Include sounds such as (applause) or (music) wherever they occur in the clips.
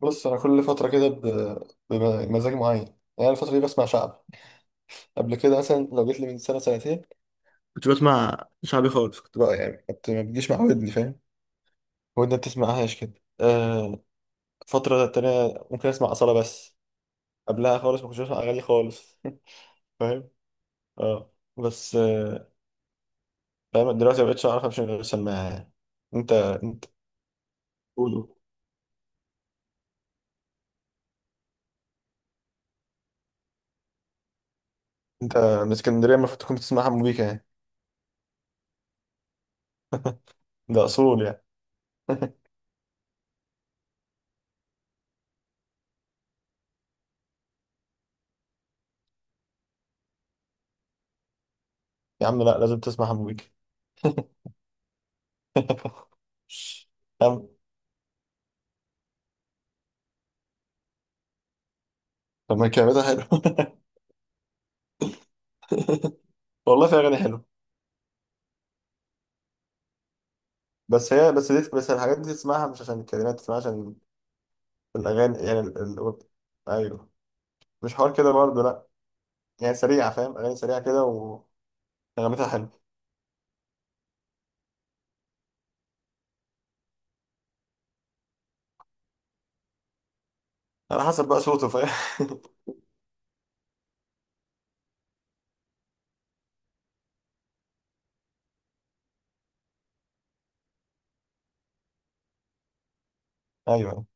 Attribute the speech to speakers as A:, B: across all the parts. A: بص انا كل فتره كده بمزاج معين يعني. أنا الفتره دي بسمع شعب. قبل كده مثلا لو جيت لي من سنه سنتين كنت بسمع شعبي خالص، كنت بقى يعني كنت ما بتجيش مع ودني فاهم، ودني ما بتسمعهاش كده. آه. فتره تانية ممكن اسمع اصاله بس. قبلها خالص ما كنتش بسمع اغاني خالص. (laughs) فاهم. اه بس آه. فاهم، دلوقتي ما بقتش اعرف امشي من غير سماعه يعني. انت قوله. انت من اسكندريه المفروض تكون بتسمع حمو بيكا يعني، ده اصول يعني. (laughs) يا عم لا، لازم تسمع حمو بيكا. (laughs) طب طب ما الكلمات حلوة. (laughs) والله في أغاني حلوة. بس الحاجات دي تسمعها مش عشان الكلمات، تسمعها عشان الأغاني يعني أيوه. مش حوار كده برضه لأ، يعني سريعة، فاهم، أغاني سريعة كده ونغمتها حلوة. على حسب بقى صوته، فاهم. (laughs) أيوه.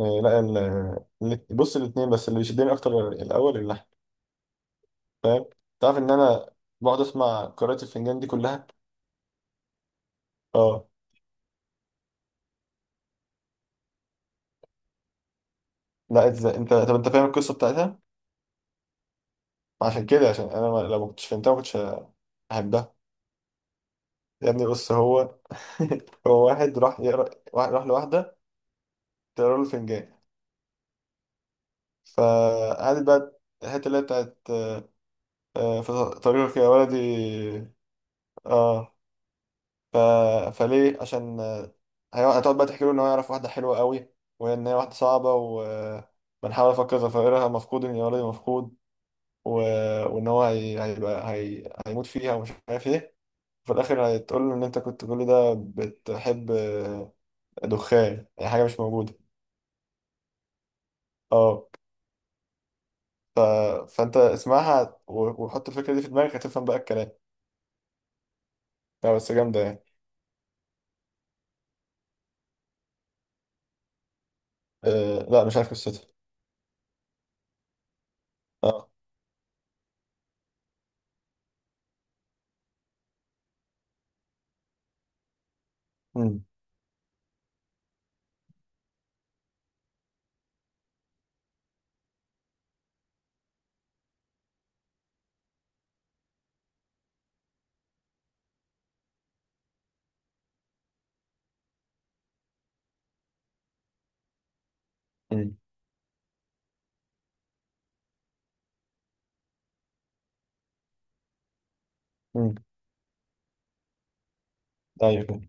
A: لا، بص الاتنين، بس اللي بيشدني أكتر الأول اللحن، فاهم. تعرف إن أنا بقعد أسمع قراءة الفنجان دي كلها. اه. لا، انت طب، انت فاهم القصة بتاعتها؟ عشان كده، عشان انا لو ما كنتش فهمتها ما كنتش هحبها. يا ابني بص، هو (laughs) هو واحد راح يقرا، واحد راح لواحدة تقرا له فنجان. فقعدت بقى الحتة اللي هي بتاعت في طريقك يا ولدي. اه. ف... فليه؟ عشان هتقعد بقى تحكي له ان هو يعرف واحدة حلوة قوي، وان هي واحدة صعبة وبنحاول افكر ظفائرها مفقود يا ولدي مفقود. و... وان هو هي... هيبقى هي... هيموت فيها ومش عارف ايه. في الاخر هتقول له ان انت كنت كل ده بتحب دخان، يعني حاجة مش موجودة. اه. ف... فانت اسمعها وحط الفكره دي في دماغك هتفهم بقى الكلام. لا بس جامده يعني. أه. لا مش عارف قصتها. اه. امم امم امم ايوه كده.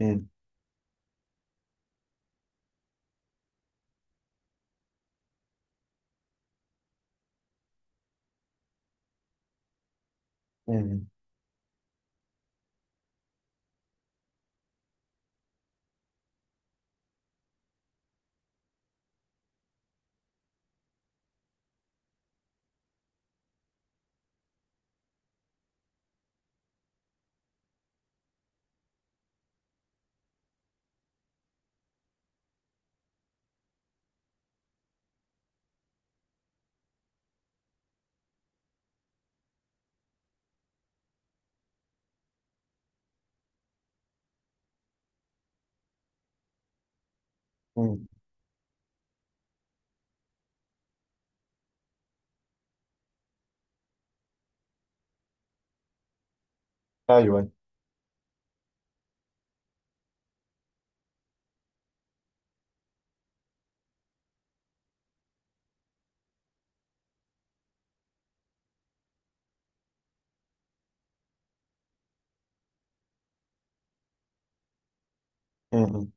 A: امم امم امم ايوه. امم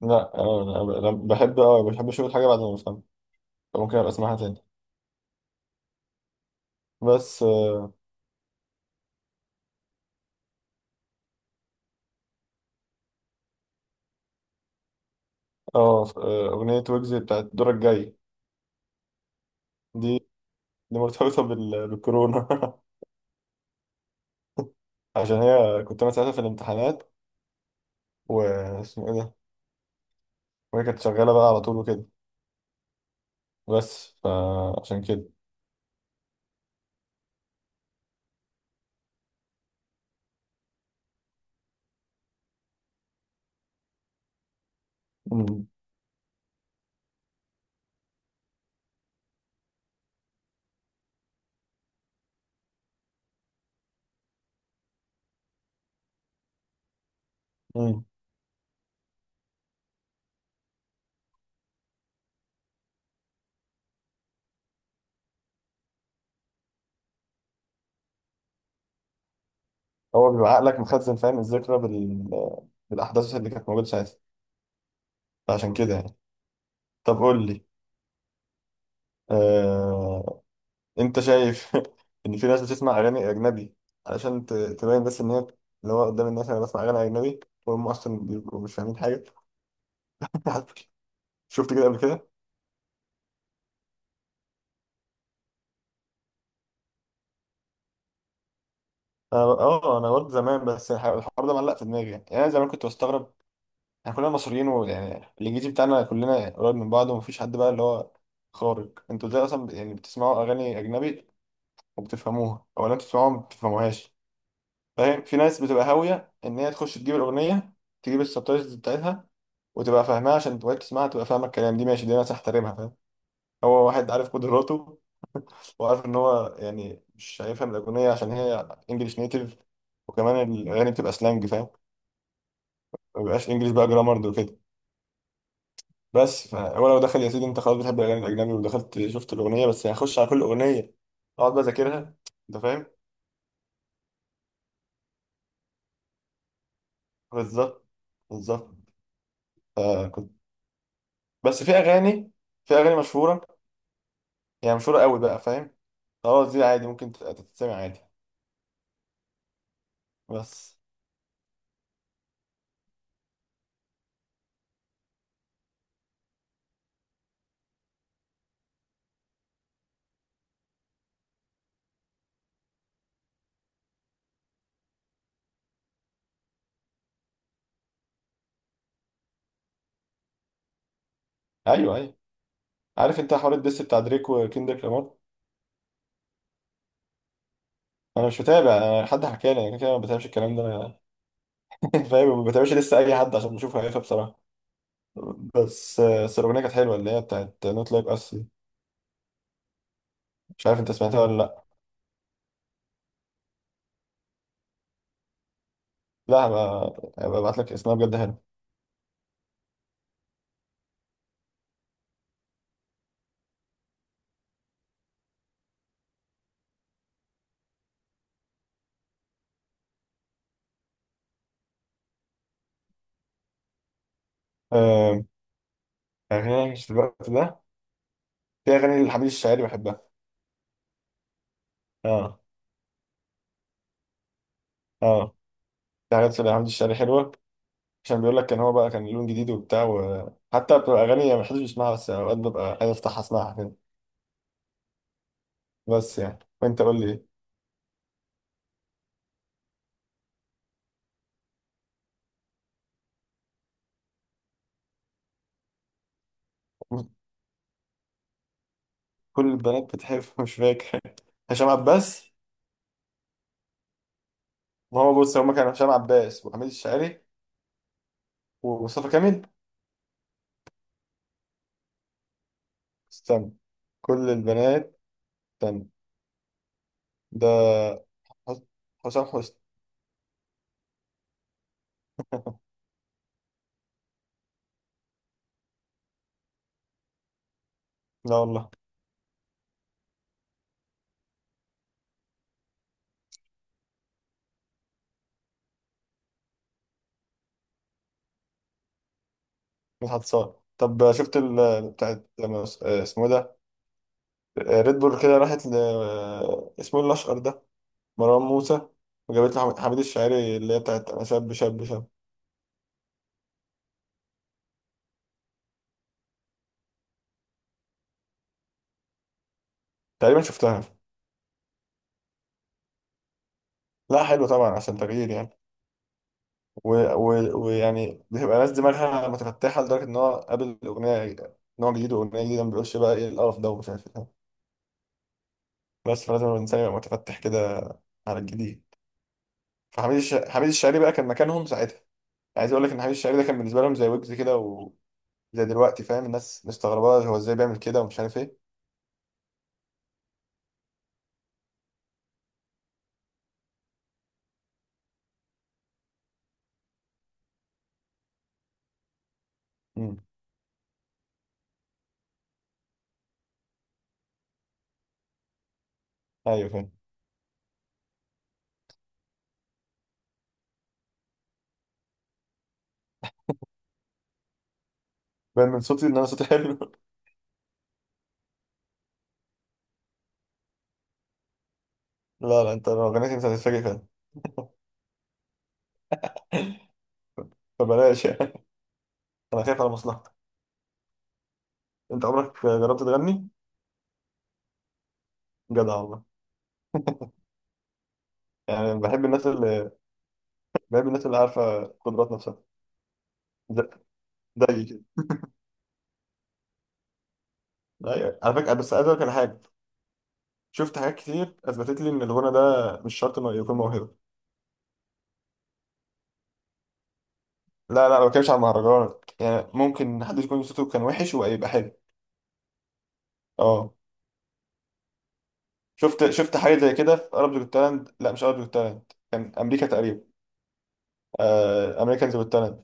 A: لا، انا، أنا بحب اشوف الحاجه بعد ما بفهمها، فممكن ابقى اسمعها تاني. بس اه. اغنيه ويجز بتاعت دورك جاي. دي دي مرتبطه بالكورونا. (laughs) عشان هي كنت انا ساعتها في الامتحانات، واسمه ايه ده، وهي كانت شغاله بقى على طول وكده، بس فعشان كده. مم. مم. هو بيبقى عقلك مخزن، فاهم، الذكرى بالأحداث اللي كانت موجودة ساعتها. فعشان كده يعني. طب قول لي. آه... أنت شايف (laughs) إن في ناس بتسمع أغاني أجنبي علشان تبين بس إن هي، اللي هو قدام الناس، أنا بسمع أغاني أجنبي، وهم أصلا بيبقوا مش فاهمين حاجة. (laughs) شفت كده قبل كده؟ اه، انا برضه زمان، بس الحوار ده معلق في دماغي، يعني انا زمان كنت بستغرب، احنا كلنا مصريين ويعني الانجليزي بتاعنا كلنا قريب من بعض، ومفيش حد بقى اللي هو خارق. انتوا ازاي اصلا يعني بتسمعوا اغاني اجنبي وبتفهموها، ولا انتوا بتسمعوها ما بتفهموهاش؟ فاهم، في ناس بتبقى هاويه ان هي تخش تجيب الاغنيه، تجيب السبتايتلز بتاعتها وتبقى فاهمها، عشان تبقى تسمعها تبقى فاهمه الكلام، دي ماشي، دي ناس احترمها، فاهم، هو واحد عارف قدراته، وعارف ان هو يعني مش هيفهم الاغنيه عشان هي انجلش نيتيف، وكمان الاغاني بتبقى سلانج، فاهم، ما بيبقاش انجلش بقى جرامر وكده. بس فهو لو دخل، يا سيدي انت خلاص بتحب الاغاني الاجنبي ودخلت شفت الاغنيه، بس هخش على كل اغنيه اقعد بقى اذاكرها، انت فاهم. بالظبط، بالظبط. فكنت، بس في اغاني مشهوره، يعني مشهوره قوي بقى، فاهم، خلاص دي عادي ممكن تتسمع عادي. بس ايوه، ايوه. عارف انت حوار الدس بتاع دريك وكندريك لامار؟ انا مش متابع، انا حد حكى لي، انا كده كده ما بتابعش الكلام ده أنا. (laughs) فاهم، ما بتابعش لسه اي حد، عشان بشوف هيفا بصراحه. بس الاغنيه كانت حلوه اللي هي بتاعت نوت لايك اس، مش عارف انت سمعتها ولا لا. لا، هبقى ابعت لك اسمها، بجد حلو. آه، اغاني في الوقت ده، في اغاني لحميد الشاعري بحبها. اه، اه. في حاجات لحميد الشاعري حلوه، عشان بيقول لك كان هو بقى كان لون جديد وبتاع، وحتى بتبقى اغاني ما حدش بيسمعها، بس اوقات ببقى عايز افتحها اسمعها كده. بس يعني، وانت قول لي إيه؟ كل البنات بتحب. (laughs) مش فاكر. هشام عباس. ما هو بص، هما كانوا هشام عباس وحميد الشاعري ومصطفى كامل. استنى. كل البنات. استنى. ده حس- حسام حسني. (laughs) لا والله. مدحت صالح. طب شفت ال بتاعت لما اسمه إيه ده، ريد بول كده، راحت ل اسمه إيه، الأشقر ده، مروان موسى، وجابت له حميد الشاعري اللي هي بتاعت أنا شاب شاب شاب؟ تقريبا شفتها. لا حلو طبعا، عشان تغيير يعني، ويعني و- ويعني بتبقى ناس دماغها متفتحة لدرجة إن هو قابل أغنية نوع جديد وأغنية جديدة ما بيقولش بقى إيه القرف ده ومش عارف إيه. بس فلازم الإنسان يبقى متفتح كده على الجديد. حميد الشاعري بقى كان مكانهم ساعتها. عايز اقول لك ان حميد الشاعري ده كان بالنسبه لهم زي ويجز كده، زي دلوقتي، فاهم، الناس مستغربة هو ازاي بيعمل كده ومش عارف ايه. امم ايوه فاهم. باين من صوتي ان انا صوتي حلو. (laughs) لا لا، انت لو غنيت انت هتتفاجئ فعلا. (laughs) فبلاش يعني، انا خايف على مصلحتك. انت عمرك جربت تغني؟ جدع والله. يعني بحب الناس اللي عارفه قدرات نفسها، زي زي كده. ايوه على فكره، بس عايز اقول لك على حاجه. شفت حاجات كتير اثبتت لي ان الغنى ده مش شرط انه يكون موهبه. لا لا، ما بتكلمش عن مهرجانات، يعني ممكن حد يكون صوته كان وحش ويبقى حلو. اه، شفت حاجه زي كده في اربز جوت تالنت، لا مش اربز جوت تالنت، كان امريكا تقريبا، آه، امريكانز جوت تالنت.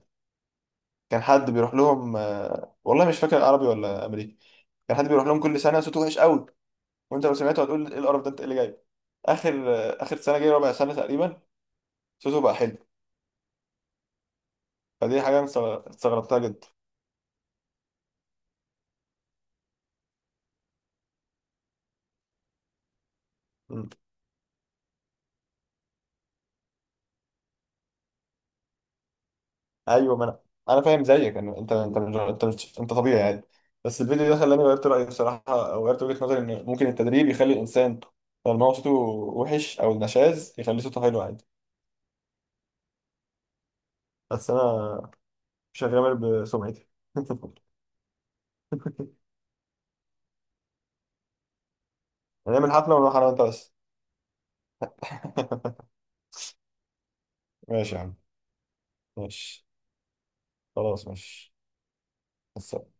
A: كان حد بيروح لهم، آه والله مش فاكر عربي ولا امريكي، كان حد بيروح لهم كل سنه صوته وحش قوي، وانت لو سمعته هتقول ايه القرف ده، انت ايه اللي جايب؟ اخر سنه جاي، ربع سنه تقريبا، صوته بقى حلو. فدي حاجه انا استغربتها جدا. ايوه، ما انا فاهم زيك إن انت انت مش- انت مش انت طبيعي يعني. بس الفيديو ده خلاني غيرت رايي بصراحه، او غيرت وجهه نظري ان ممكن التدريب يخلي الانسان لما هو صوته وحش او نشاز يخلي صوته حلو عادي. بس انا مش هغامر بسمعتي. (laughs) هنعمل حفله ونروح انا وانت بس. (laughs) ماشي يا عم، ماشي، خلاص، ماشي بس.